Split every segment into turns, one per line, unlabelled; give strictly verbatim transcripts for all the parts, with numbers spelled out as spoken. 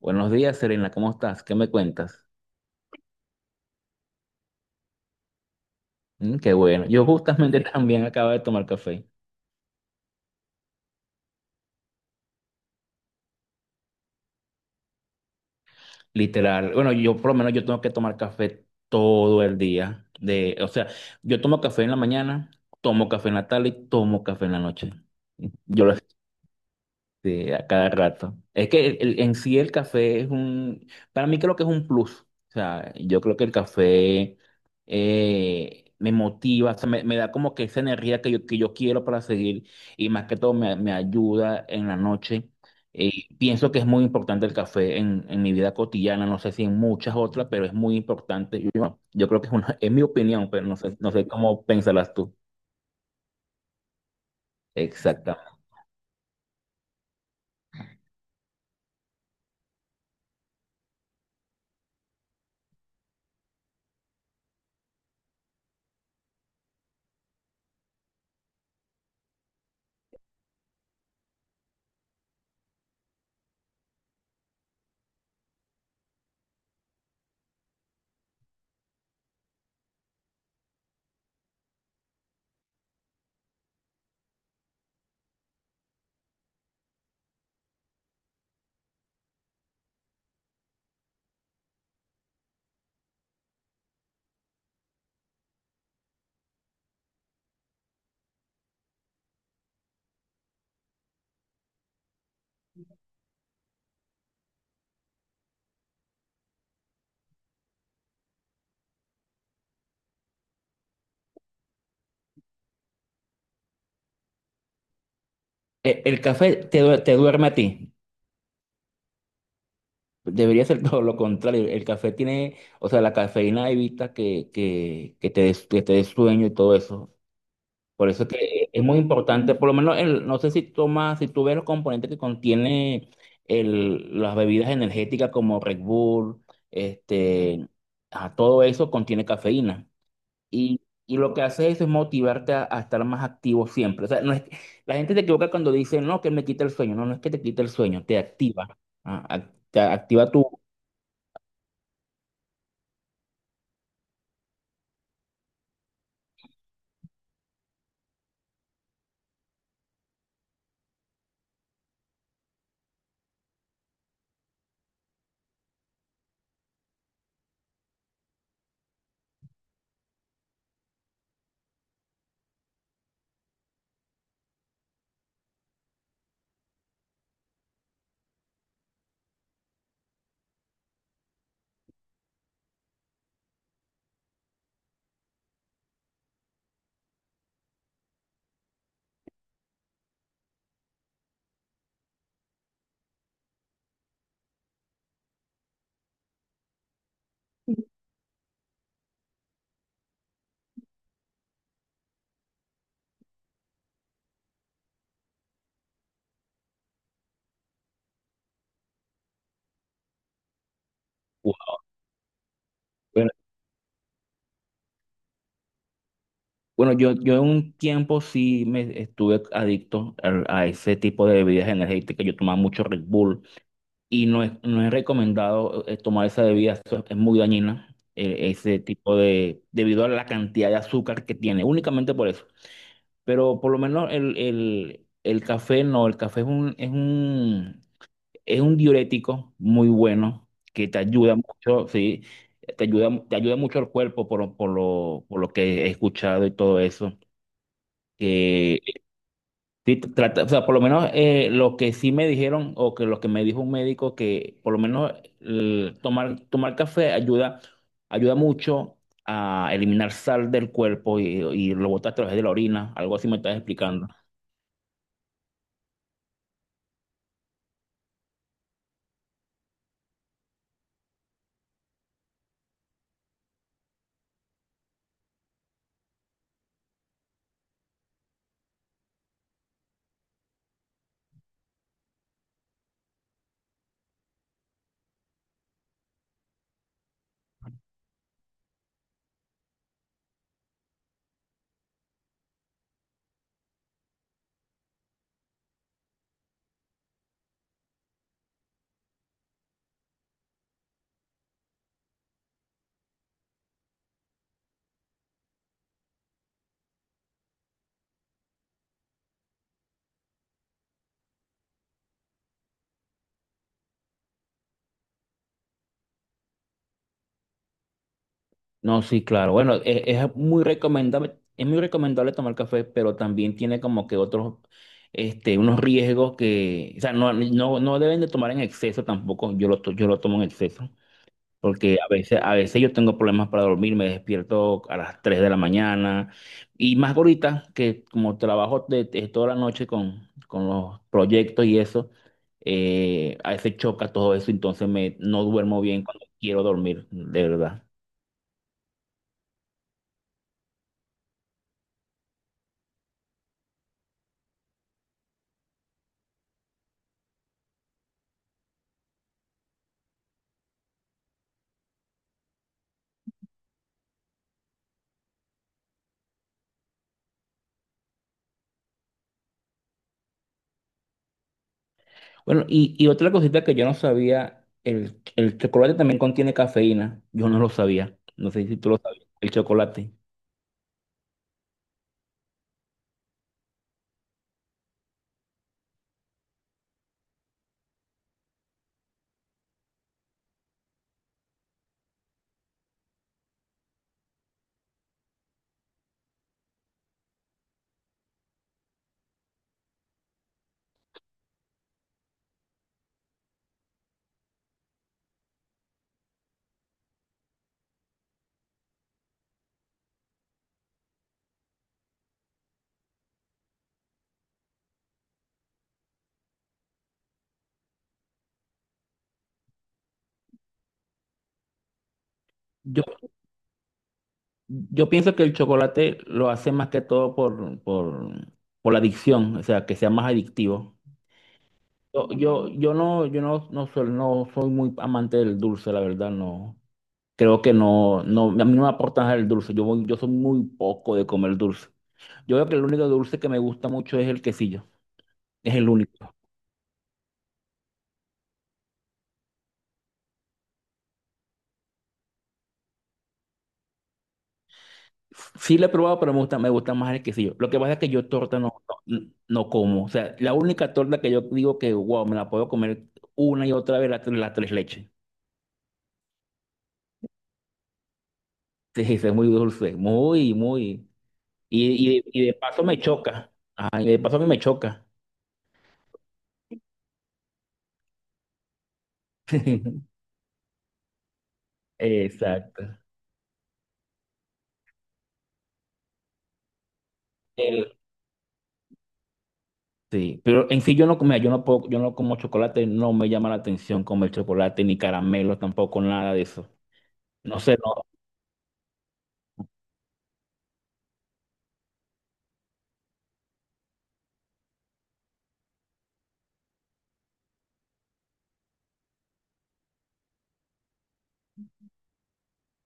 Buenos días, Serena, ¿cómo estás? ¿Qué me cuentas? Mm, qué bueno. Yo justamente también acabo de tomar café, literal. Bueno, yo por lo menos yo tengo que tomar café todo el día. De, o sea, yo tomo café en la mañana, tomo café en la tarde y tomo café en la noche. Yo lo Sí, a cada rato. Es que el- el- en sí el café es un, para mí creo que es un plus. O sea, yo creo que el café eh, me motiva, o sea, me, me da como que esa energía que yo, que yo quiero para seguir, y más que todo me, me ayuda en la noche. Eh, Pienso que es muy importante el café en, en mi vida cotidiana, no sé si en muchas otras, pero es muy importante. Yo, yo creo que es una, es mi opinión, pero no sé, no sé cómo pensarás tú. Exactamente. Eh, El, café te, due- te duerme a ti. Debería ser todo lo contrario. El café tiene, o sea, la cafeína evita que, que, que te des, que te des sueño y todo eso. Por eso es que es muy importante, por lo menos, el, no sé si tomas, si tú ves los componentes que contiene el, las bebidas energéticas como Red Bull, este, a todo eso contiene cafeína. Y, y lo que hace eso es motivarte a, a estar más activo siempre. O sea, no es, la gente se equivoca cuando dice, no, que me quita el sueño. No, no es que te quita el sueño, te activa. Ah, ac- te activa tu Bueno, bueno, yo, yo en un tiempo sí me estuve adicto al- a ese tipo de bebidas energéticas. Yo tomaba mucho Red Bull y no es, no es recomendado eh, tomar esa bebida, eso es muy dañina, eh, ese tipo de, debido a la cantidad de azúcar que tiene, únicamente por eso. Pero por lo menos el, el, el café no, el café es un, es un, es un diurético muy bueno que te ayuda mucho, sí, te ayuda, te ayuda mucho el cuerpo por, lo- por lo, por lo que he escuchado y todo eso. Que sí trata, o sea, por lo menos eh, lo que sí me dijeron o que lo que me dijo un médico que por lo menos el tomar, tomar café ayuda, ayuda mucho a eliminar sal del cuerpo y, y lo botas a través de la orina, algo así me estás explicando. No, sí, claro. Bueno, es es, muy recomendable, es muy recomendable tomar café, pero también tiene como que otros, este, unos riesgos que, o sea, no, no, no deben de tomar en exceso tampoco. Yo lo, to- yo lo tomo en exceso, porque a veces, a veces yo tengo problemas para dormir, me despierto a las tres de la mañana, y más ahorita que como trabajo de, de toda la noche con, con los proyectos y eso, eh, a veces choca todo eso, entonces me, no duermo bien cuando quiero dormir, de verdad. Bueno, y, y otra cosita que yo no sabía, el, el chocolate también contiene cafeína. Yo no lo sabía. No sé si tú lo sabías. El chocolate. Yo, yo pienso que el chocolate lo hace más que todo por, por, por la adicción, o sea, que sea más adictivo. Yo, yo, yo no, yo no, no, soy, No soy muy amante del dulce, la verdad, no. Creo que no, no, a mí no me aporta nada el dulce. Yo, voy- yo soy muy poco de comer dulce. Yo creo que el único dulce que me gusta mucho es el quesillo. Es el único. Sí la he probado, pero me gusta, me gusta más el quesillo. Lo que pasa es que yo torta no, no, no como. O sea, la única torta que yo digo que, wow, me la puedo comer una y otra vez la, tre- la tres leches. Sí, sí, es muy dulce, muy, muy. Y, y, y de paso me choca. Ay, de paso a mí me choca. Exacto. El- sí, pero en sí yo no, mira, yo no puedo, yo no como chocolate, no me llama la atención comer chocolate, ni caramelo, tampoco nada de eso. No sé, no.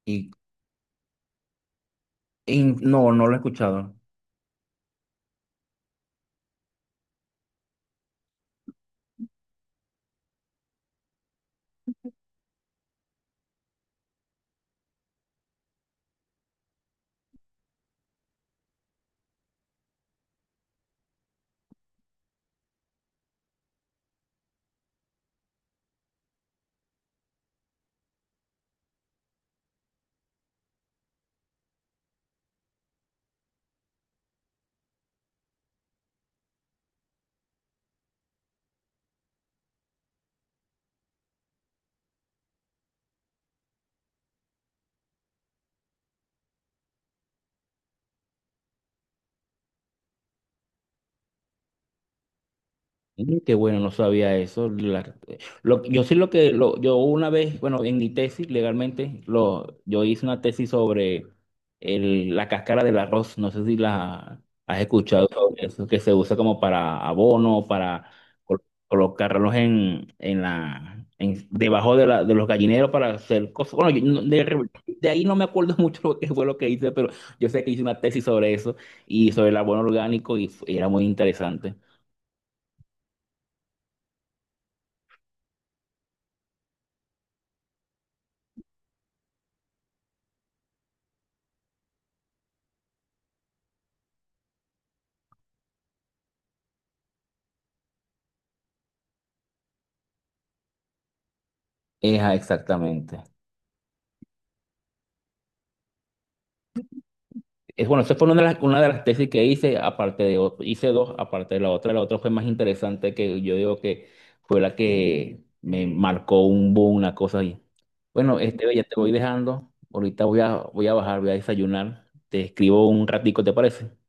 Y, y no, no lo he escuchado. Mm, qué bueno, no sabía eso. La- lo- yo sí lo que, lo, yo una vez, bueno, en mi tesis legalmente, lo, yo hice una tesis sobre el, la cáscara del arroz, no sé si la has escuchado sobre eso, que se usa como para abono, para col- colocarlos en, en la, en- debajo de, la, de los gallineros para hacer cosas. Bueno, yo no- de, de ahí no me acuerdo mucho lo que fue lo que hice, pero yo sé que hice una tesis sobre eso y sobre el abono orgánico y fu- era muy interesante. Esa, exactamente. Es, bueno, esa fue una de las, una de las tesis que hice, aparte de, ot- hice dos, aparte de la otra. La otra fue más interesante que yo digo que fue la que me marcó un boom, una cosa ahí. Bueno, este, ya te voy dejando. Ahorita voy a, voy a bajar, voy a desayunar. Te escribo un ratico, ¿te parece?